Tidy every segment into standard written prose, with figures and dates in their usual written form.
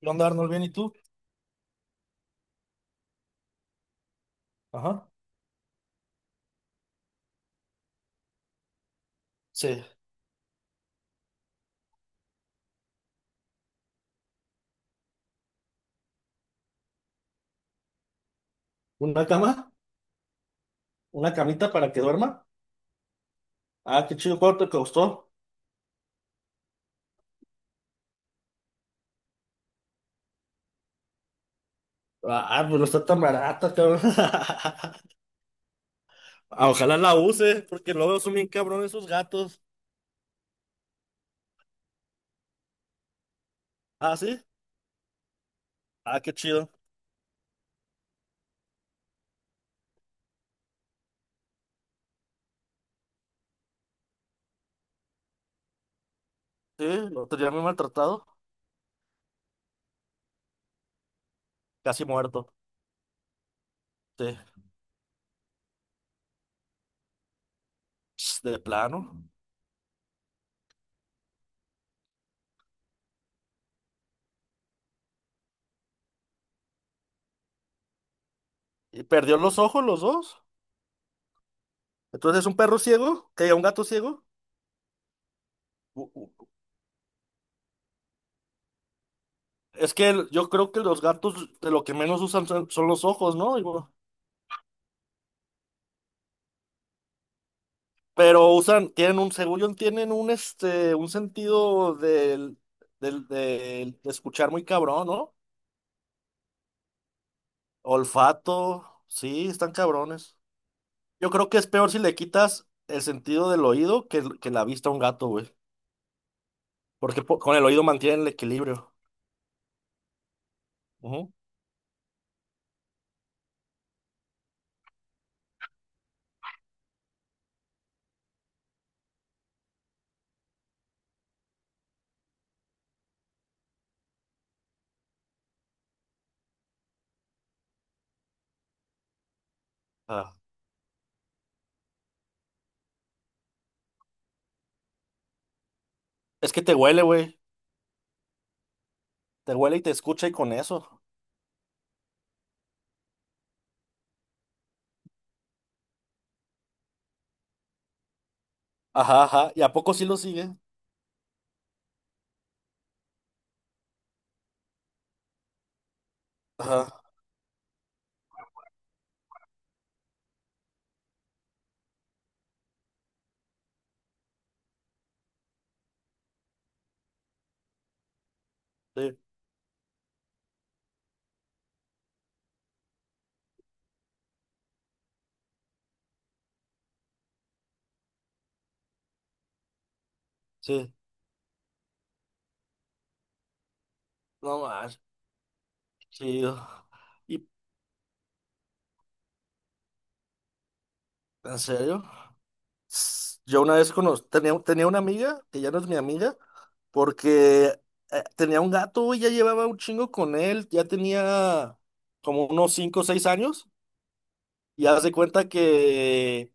¿Qué onda, Arnold? ¿Bien y tú? Ajá. Sí. ¿Una cama? ¿Una camita para que duerma? Ah, qué chido, ¿cuánto te costó? Ah, pero está tan barata, cabrón. Ah, ojalá la use, porque luego son bien cabrones esos gatos. Ah, ¿sí? Ah, qué chido. Sí, lo tenía muy maltratado. Casi muerto. Sí. Ch, de plano. Y perdió los ojos los dos. Entonces, ¿es un perro ciego? ¿Que un gato ciego? U- u- Es que yo creo que los gatos de lo que menos usan son los ojos, ¿no? Pero usan, tienen un, según yo, tienen un, un sentido de escuchar muy cabrón, ¿no? Olfato, sí, están cabrones. Yo creo que es peor si le quitas el sentido del oído que la vista a un gato, güey. Porque con el oído mantienen el equilibrio. Ujú. Ah. Es que te huele, güey. Te huele y te escucha y con eso. Ajá, ajá. ¿Y a poco sí lo sigue? Ajá, sí, sí. No más, chido. ¿Y en serio? Yo una vez tenía, tenía una amiga, que ya no es mi amiga, porque tenía un gato y ya llevaba un chingo con él, ya tenía como unos 5 o 6 años, y hace cuenta que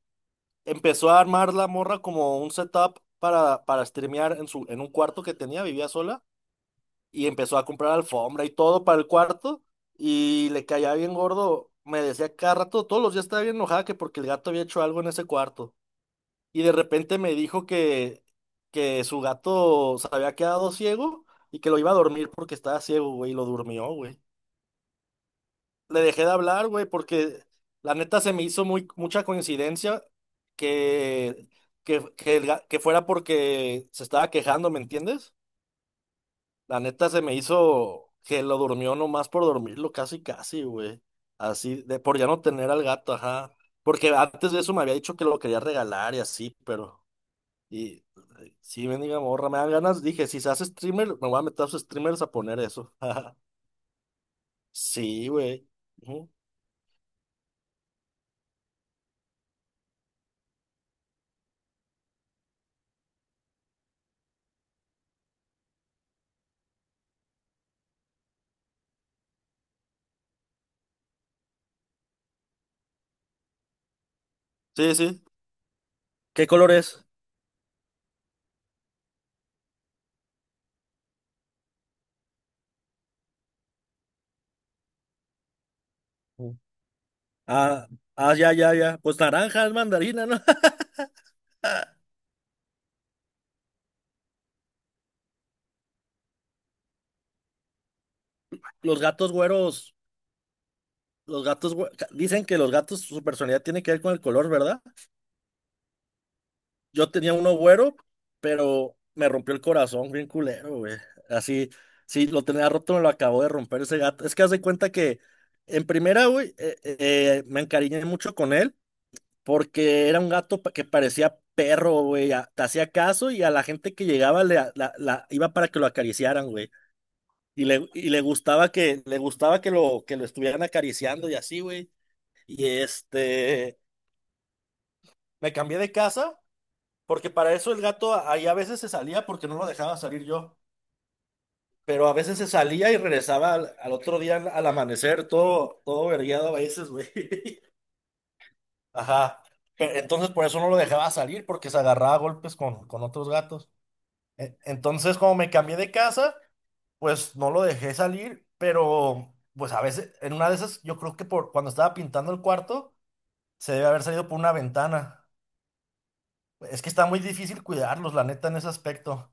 empezó a armar la morra como un setup para streamear en su, en un cuarto que tenía, vivía sola, y empezó a comprar alfombra y todo para el cuarto, y le caía bien gordo, me decía cada rato, todos los días estaba bien enojada que porque el gato había hecho algo en ese cuarto y de repente me dijo que su gato se había quedado ciego y que lo iba a dormir porque estaba ciego, güey, y lo durmió, güey. Le dejé de hablar, güey, porque la neta se me hizo muy, mucha coincidencia que, que, que fuera porque se estaba quejando, ¿me entiendes? La neta se me hizo que lo durmió nomás por dormirlo, casi, casi, güey. Así, de por ya no tener al gato, ajá. Porque antes de eso me había dicho que lo quería regalar y así, pero... Y sí, mendiga morra, me dan ganas. Dije, si se hace streamer, me voy a meter a sus streamers a poner eso. Sí, güey. Ujú. Sí, sí. ¿Qué color es? Ujú. Ah, ya. Pues naranja es mandarina, ¿no? Los gatos güeros, dicen que los gatos, su personalidad tiene que ver con el color, ¿verdad? Yo tenía uno güero, pero me rompió el corazón, bien culero, güey. Así, sí, lo tenía roto, me lo acabó de romper ese gato. Es que haz de cuenta que, en primera, güey, me encariñé mucho con él. Porque era un gato que parecía perro, güey. Te hacía caso y a la gente que llegaba le, a- la- iba para que lo acariciaran, güey. Y le gustaba que, le gustaba que lo estuvieran acariciando y así, güey. Y este, me cambié de casa porque para eso el gato ahí a veces se salía porque no lo dejaba salir yo. Pero a veces se salía y regresaba al, al otro día al, al amanecer, todo, todo vergueado a veces, güey. Ajá. Entonces por eso no lo dejaba salir porque se agarraba a golpes con otros gatos. Entonces, como me cambié de casa, pues no lo dejé salir, pero pues a veces, en una de esas, yo creo que por cuando estaba pintando el cuarto, se debe haber salido por una ventana. Es que está muy difícil cuidarlos, la neta, en ese aspecto.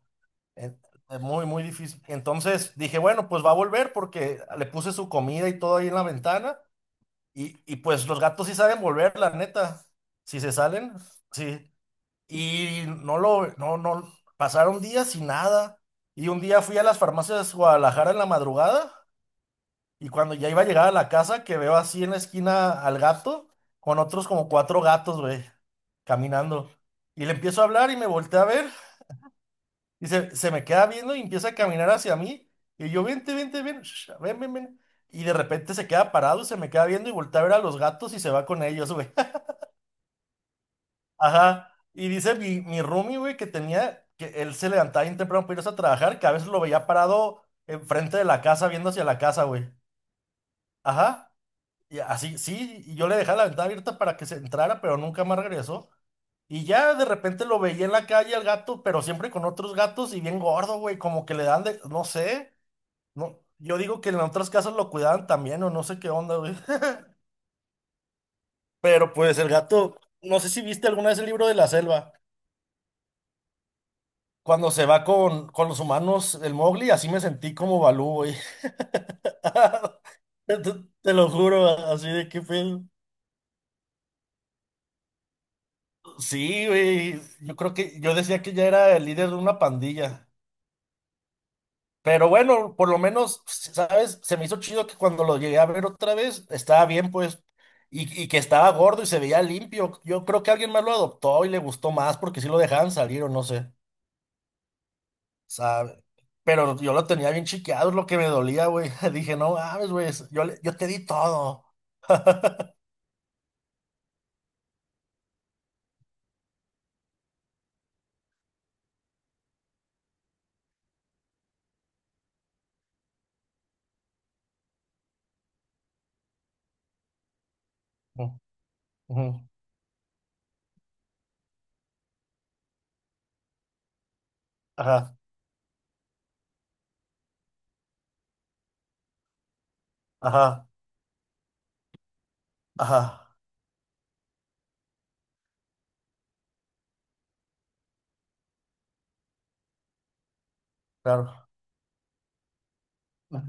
Eh, Muy, muy difícil. Entonces dije, bueno, pues va a volver porque le puse su comida y todo ahí en la ventana. Y pues los gatos sí saben volver, la neta. Si se salen, sí. Y no lo, no, no, pasaron días y nada. Y un día fui a las farmacias Guadalajara en la madrugada y cuando ya iba a llegar a la casa que veo así en la esquina al gato con otros como 4 gatos, güey, caminando. Y le empiezo a hablar y me volteé a ver y se me queda viendo y empieza a caminar hacia mí. Y yo, vente, vente, ven, ven, ven, ven. Y de repente se queda parado y se me queda viendo y voltea a ver a los gatos y se va con ellos, güey. Ajá. Y dice mi roomie, güey, que tenía, que él se levantaba bien temprano para irse a trabajar, que a veces lo veía parado enfrente de la casa, viendo hacia la casa, güey. Ajá. Y así, sí, y yo le dejaba la ventana abierta para que se entrara, pero nunca más regresó. Y ya de repente lo veía en la calle al gato, pero siempre con otros gatos y bien gordo, güey, como que le dan de, no sé, no, yo digo que en otras casas lo cuidaban también o no sé qué onda, güey. Pero pues el gato, no sé si viste alguna vez el libro de la selva. Cuando se va con los humanos, el Mowgli, así me sentí como Balú, güey. Te, te lo juro, así de qué pedo. Sí, güey. Yo creo que yo decía que ya era el líder de una pandilla. Pero bueno, por lo menos, ¿sabes? Se me hizo chido que cuando lo llegué a ver otra vez, estaba bien, pues. Y que estaba gordo y se veía limpio. Yo creo que alguien más lo adoptó y le gustó más porque sí lo dejaban salir o no sé. Sabe. Pero yo lo tenía bien chiqueado, es lo que me dolía, güey. Dije, no mames, güey, yo te di todo. Ujú, ujú. Ajá, ajá, ajá, claro.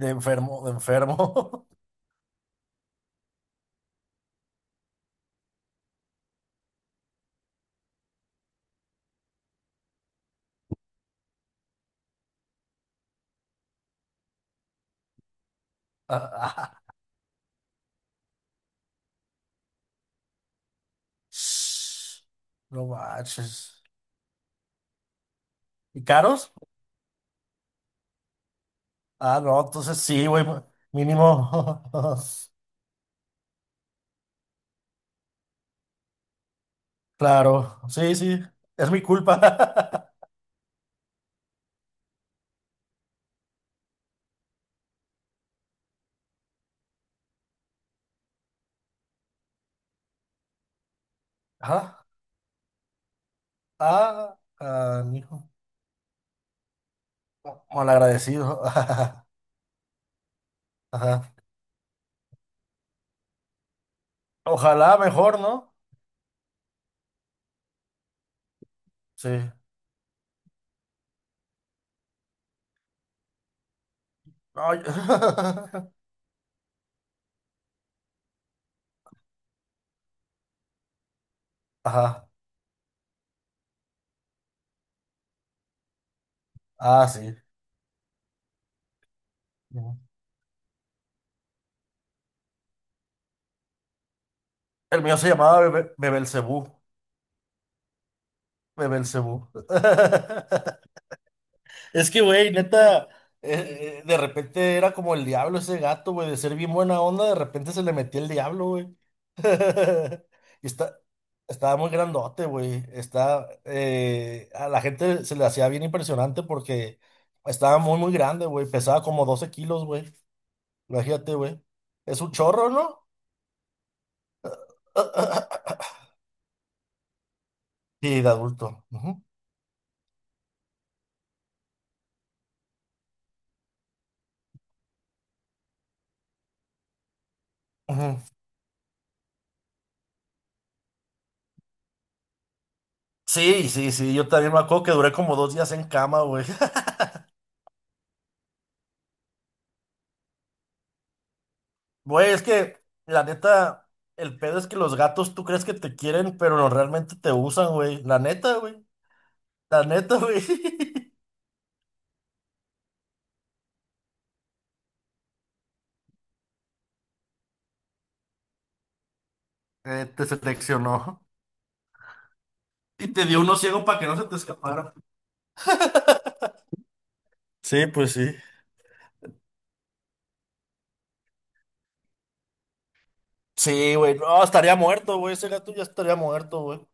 De enfermo, de enfermo. Ajá. No manches. ¿Y caros? Ah, no, entonces sí, güey, pues, mínimo. Claro, sí, sí, es mi culpa. Ajá, ah, ah, hijo. Malagradecido. Ajá. Ojalá mejor, ¿no? Sí. Ay, ajá. Ah, sí. Ujú. El mío se llamaba Bebelcebú. Bebelcebú. Es que, güey, neta, de repente era como el diablo ese gato, güey, de ser bien buena onda, de repente se le metía el diablo, güey. Y está, estaba muy grandote, güey. Está, a la gente se le hacía bien impresionante porque estaba muy, muy grande, güey. Pesaba como 12 kilos, güey. Imagínate, güey. Es un chorro, ¿no? Sí, de adulto. Ujú, ujú. Sí, sí, sí, yo también me acuerdo que duré como 2 días en cama, güey. Güey, es que la neta, el pedo es que los gatos tú crees que te quieren, pero no realmente te usan, güey. La neta, güey. La neta, güey. Te seleccionó. Y te dio uno ciego para que no se te escapara. Sí, pues sí. Sí, güey. No, estaría muerto, güey. Ese gato ya estaría muerto, güey.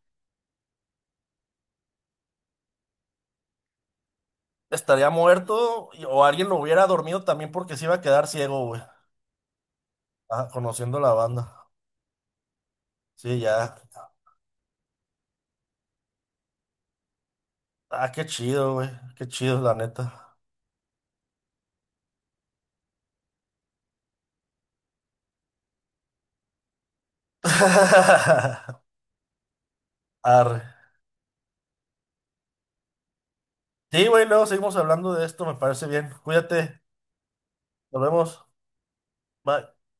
Estaría muerto o alguien lo hubiera dormido también porque se iba a quedar ciego, güey. Ah, conociendo la banda. Sí, ya. Ah, qué chido, güey. Qué chido, la neta. Arre. Sí, güey, luego seguimos hablando de esto, me parece bien. Cuídate. Nos vemos. Bye.